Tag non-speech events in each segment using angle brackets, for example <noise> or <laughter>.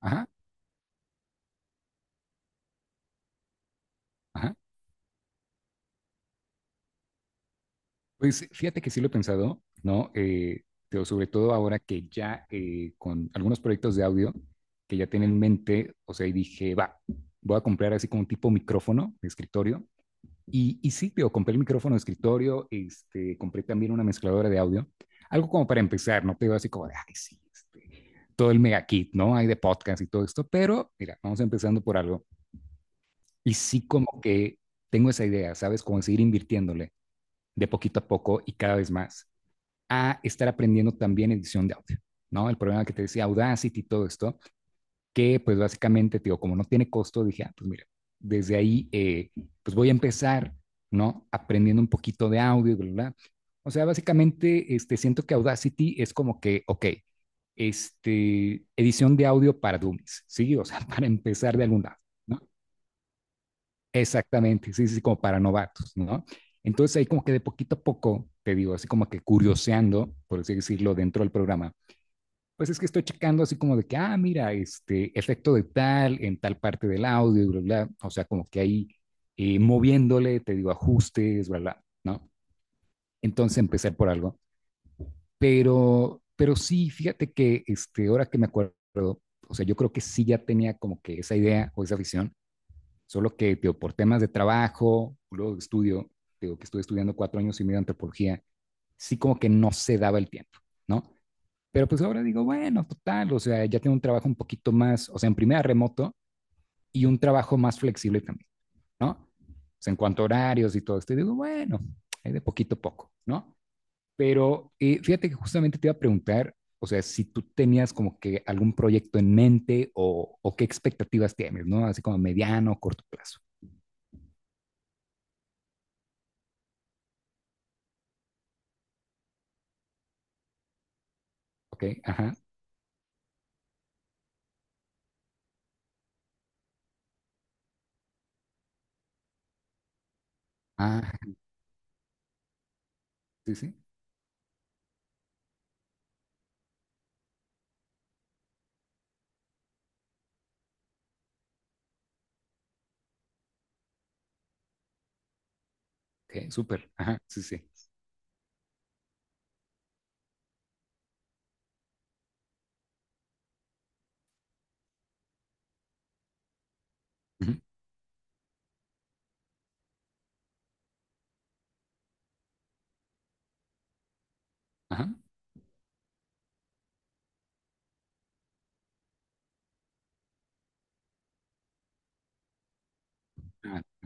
Ajá, ajá. Pues fíjate que sí lo he pensado, ¿no? Pero sobre todo ahora que ya con algunos proyectos de audio que ya tienen en mente, o sea, y dije, va, voy a comprar así como un tipo micrófono de escritorio. Y sí, tío, compré el micrófono de escritorio, este, compré también una mezcladora de audio, algo como para empezar, no te digo así como de, ay, sí, este, todo el mega kit, ¿no? Hay de podcast y todo esto, pero mira, vamos empezando por algo. Y sí, como que tengo esa idea, ¿sabes? Como seguir invirtiéndole de poquito a poco y cada vez más a estar aprendiendo también edición de audio, ¿no? El problema que te decía Audacity y todo esto, que pues básicamente, digo, como no tiene costo, dije, ah, pues mira, desde ahí, pues voy a empezar, ¿no? Aprendiendo un poquito de audio, ¿verdad? O sea, básicamente, este, siento que Audacity es como que, ok, este, edición de audio para dummies, ¿sí? O sea, <laughs> para empezar de algún lado, ¿no? Exactamente, sí, sí, sí, como para novatos, ¿no? Entonces ahí como que de poquito a poco, te digo, así como que curioseando, por así decirlo, dentro del programa, pues es que estoy checando así como de que, ah, mira, este efecto de tal en tal parte del audio, y bla, bla, o sea, como que ahí moviéndole, te digo, ajustes, bla, bla, ¿no? Entonces empecé por algo, pero sí, fíjate que este, ahora que me acuerdo, o sea, yo creo que sí ya tenía como que esa idea o esa visión. Solo que, digo, por temas de trabajo, luego de estudio, digo, que estuve estudiando 4 años y medio de antropología, sí como que no se daba el tiempo, ¿no? Pero pues ahora digo, bueno, total, o sea, ya tengo un trabajo un poquito más, o sea, en primera remoto y un trabajo más flexible también, ¿no? O sea, en cuanto a horarios y todo esto, y digo, bueno, hay de poquito a poco, ¿no? Pero fíjate que justamente te iba a preguntar, o sea, si tú tenías como que algún proyecto en mente o qué expectativas tienes, ¿no? Así como mediano o corto plazo. Ok, ajá. Ah, sí, sí. Ok, súper. Ajá, sí, sí. Ujú, ajá. Ah,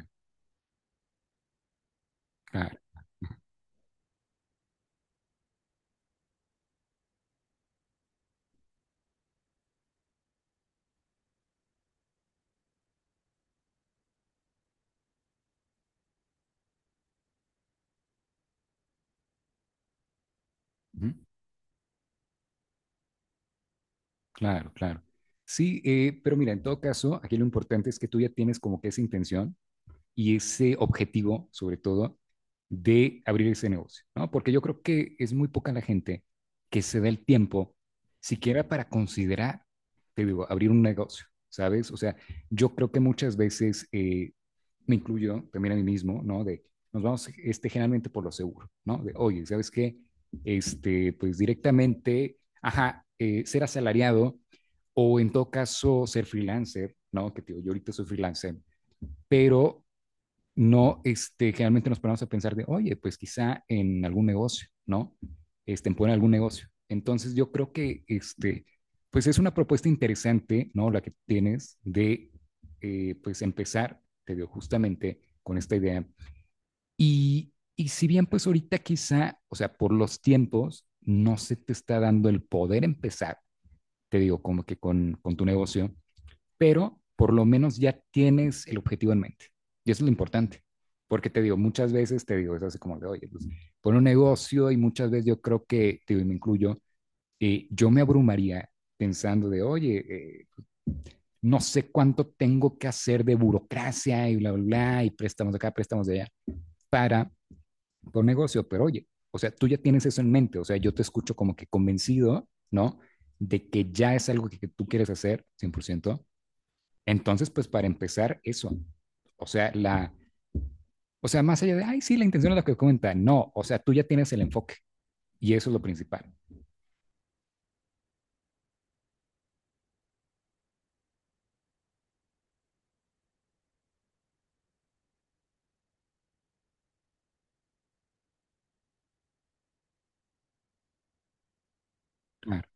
claro, ujú. Claro, claro. Sí, pero mira, en todo caso, aquí lo importante es que tú ya tienes como que esa intención y ese objetivo, sobre todo, de abrir ese negocio, ¿no? Porque yo creo que es muy poca la gente que se da el tiempo siquiera para considerar, te digo, abrir un negocio, ¿sabes? O sea, yo creo que muchas veces, me incluyo también a mí mismo, ¿no? De nos vamos este, generalmente por lo seguro, ¿no? De, oye, ¿sabes qué? Este, pues directamente, ajá, ser asalariado o en todo caso ser freelancer, ¿no? Que te digo, yo ahorita soy freelancer, pero no, este, generalmente nos ponemos a pensar de, oye, pues quizá en algún negocio, ¿no? Este, en poner algún negocio. Entonces yo creo que, este, pues es una propuesta interesante, ¿no? La que tienes de, pues empezar, te digo justamente con esta idea. Y si bien, pues ahorita quizá, o sea, por los tiempos, no se te está dando el poder empezar, te digo, como que con tu negocio, pero por lo menos ya tienes el objetivo en mente. Y eso es lo importante, porque te digo, muchas veces te digo, es así como de, oye, pues pon un negocio y muchas veces yo creo que, te digo, y me incluyo, yo me abrumaría pensando de, oye, no sé cuánto tengo que hacer de burocracia y bla, bla, bla, y préstamos de acá, préstamos de allá, para un negocio, pero oye, o sea, tú ya tienes eso en mente, o sea, yo te escucho como que convencido, ¿no? De que ya es algo que tú quieres hacer 100%. Entonces, pues para empezar, eso. O sea, la, o sea, más allá de, ay, sí, la intención es la que comenta. No, o sea, tú ya tienes el enfoque y eso es lo principal. Claro,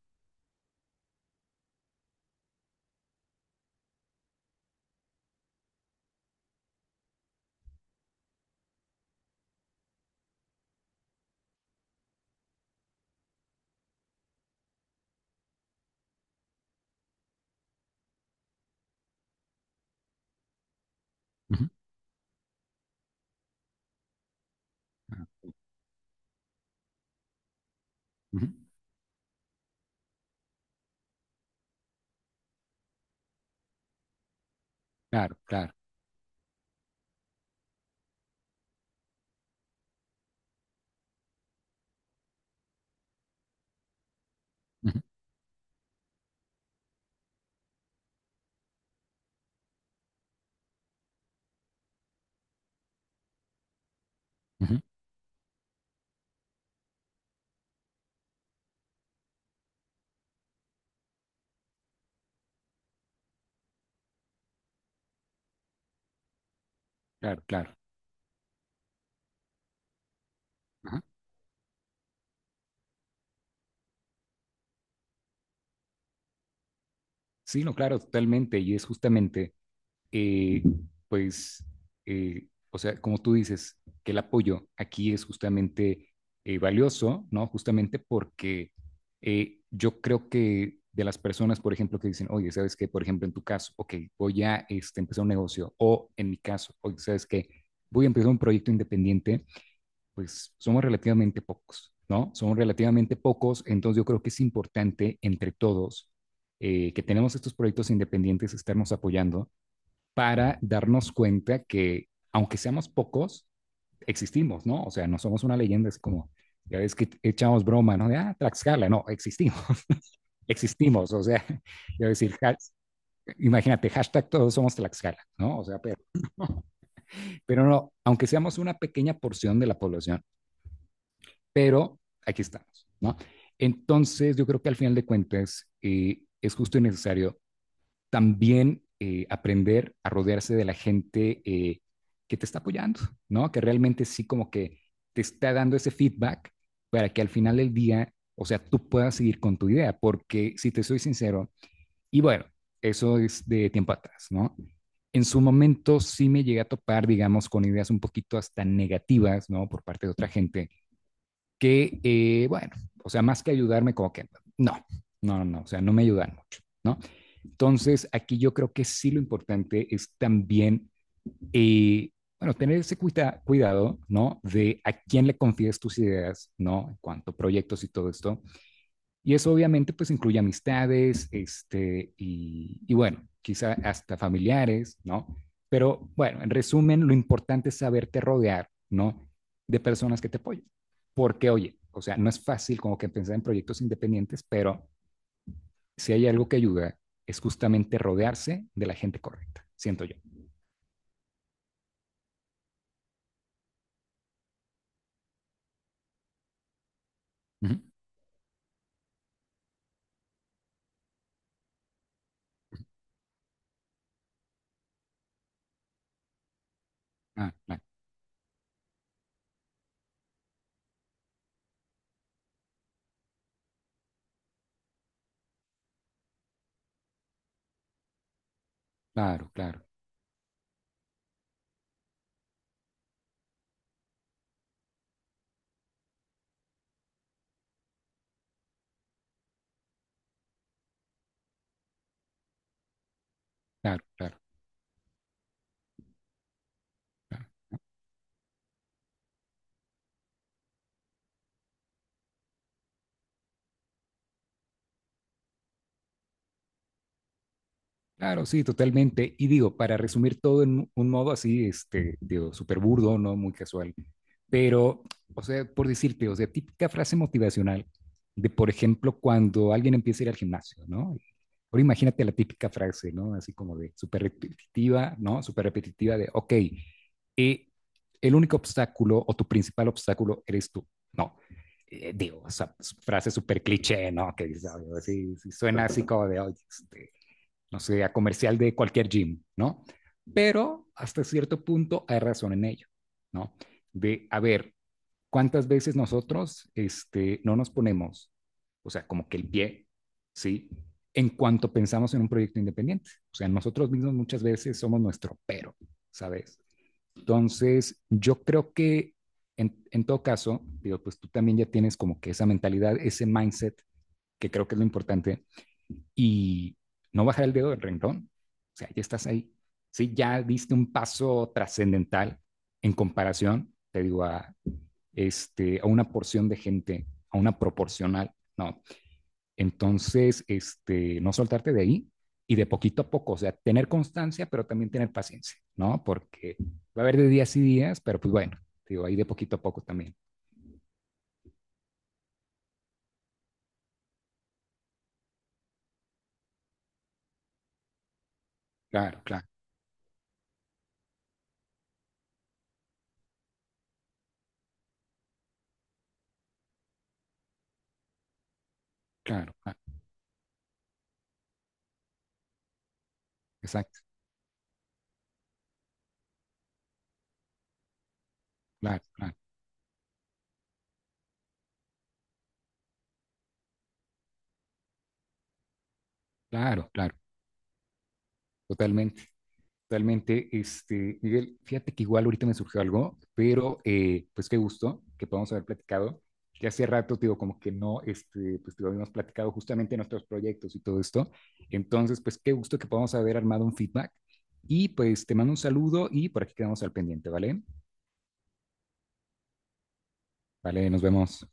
ujú, claro, ujú, claro, claro, ujú, ujú, claro, claro. Ajá. Sí, no, claro, totalmente. Y es justamente eh, pues, o sea, como tú dices, que el apoyo aquí es justamente valioso, ¿no? Justamente porque yo creo que de las personas, por ejemplo, que dicen, oye, ¿sabes qué? Por ejemplo, en tu caso, ok, voy a este, empezar un negocio, o en mi caso, oye, ¿sabes qué? Voy a empezar un proyecto independiente, pues somos relativamente pocos, ¿no? Son relativamente pocos, entonces yo creo que es importante entre todos que tenemos estos proyectos independientes, estarnos apoyando, para darnos cuenta que, aunque seamos pocos, existimos, ¿no? O sea, no somos una leyenda, es como, ya ves que echamos broma, ¿no? De, ah, Tlaxcala, no, existimos, <laughs> existimos, o sea, <laughs> yo decir, imagínate, hashtag todos somos Tlaxcala, ¿no? O sea, pero, <laughs> pero no, aunque seamos una pequeña porción de la población, pero aquí estamos, ¿no? Entonces, yo creo que al final de cuentas es justo y necesario también aprender a rodearse de la gente que te está apoyando, ¿no? Que realmente sí como que te está dando ese feedback para que al final del día, o sea, tú puedas seguir con tu idea, porque si te soy sincero, y bueno, eso es de tiempo atrás, ¿no? En su momento sí me llegué a topar, digamos, con ideas un poquito hasta negativas, ¿no? Por parte de otra gente, que, bueno, o sea, más que ayudarme, como que, no, no, no, o sea, no me ayudan mucho, ¿no? Entonces, aquí yo creo que sí lo importante es también, eh, bueno, tener ese cuidado, ¿no? De a quién le confías tus ideas, ¿no? En cuanto a proyectos y todo esto. Y eso obviamente pues incluye amistades, este, y bueno, quizá hasta familiares, ¿no? Pero bueno, en resumen, lo importante es saberte rodear, ¿no? De personas que te apoyen. Porque, oye, o sea, no es fácil como que pensar en proyectos independientes, pero si hay algo que ayuda, es justamente rodearse de la gente correcta, siento yo. Ujú. Ah, claro, claro, claro, claro, claro. Claro, sí, totalmente. Y digo, para resumir todo en un modo así, este, digo, súper burdo, ¿no? Muy casual. Pero, o sea, por decirte, o sea, típica frase motivacional de, por ejemplo, cuando alguien empieza a ir al gimnasio, ¿no? Ahora imagínate la típica frase, ¿no? Así como de súper repetitiva, ¿no? Súper repetitiva de, ok, eh, el único obstáculo o tu principal obstáculo eres tú, ¿no? Digo, o sea, s- frase súper cliché, ¿no? Que dices, "Oye, sí, sí, suena así" <laughs> como de, oye, este, no sé, a comercial de cualquier gym, ¿no? Pero hasta cierto punto hay razón en ello, ¿no? De, a ver, ¿cuántas veces nosotros este, no nos ponemos, o sea, como que el pie, ¿sí? En cuanto pensamos en un proyecto independiente. O sea, nosotros mismos muchas veces somos nuestro pero, ¿sabes? Entonces, yo creo que en, todo caso, digo, pues tú también ya tienes como que esa mentalidad, ese mindset, que creo que es lo importante, y no bajar el dedo del renglón. O sea, ya estás ahí. Sí, ya diste un paso trascendental en comparación, te digo, a, este, a una porción de gente, a una proporcional, ¿no? Entonces, este, no soltarte de ahí y de poquito a poco, o sea, tener constancia, pero también tener paciencia, ¿no? Porque va a haber de días y días, pero pues bueno, te digo, ahí de poquito a poco también. Claro, claro, claro, claro, exacto, claro, claro, claro, claro, totalmente. Totalmente, este, Miguel, fíjate que igual ahorita me surgió algo, pero pues qué gusto que podamos haber platicado. Ya hace rato, te digo, como que no, este, pues te digo, habíamos platicado justamente nuestros proyectos y todo esto. Entonces, pues qué gusto que podamos haber armado un feedback. Y pues te mando un saludo y por aquí quedamos al pendiente, ¿vale? Vale, nos vemos.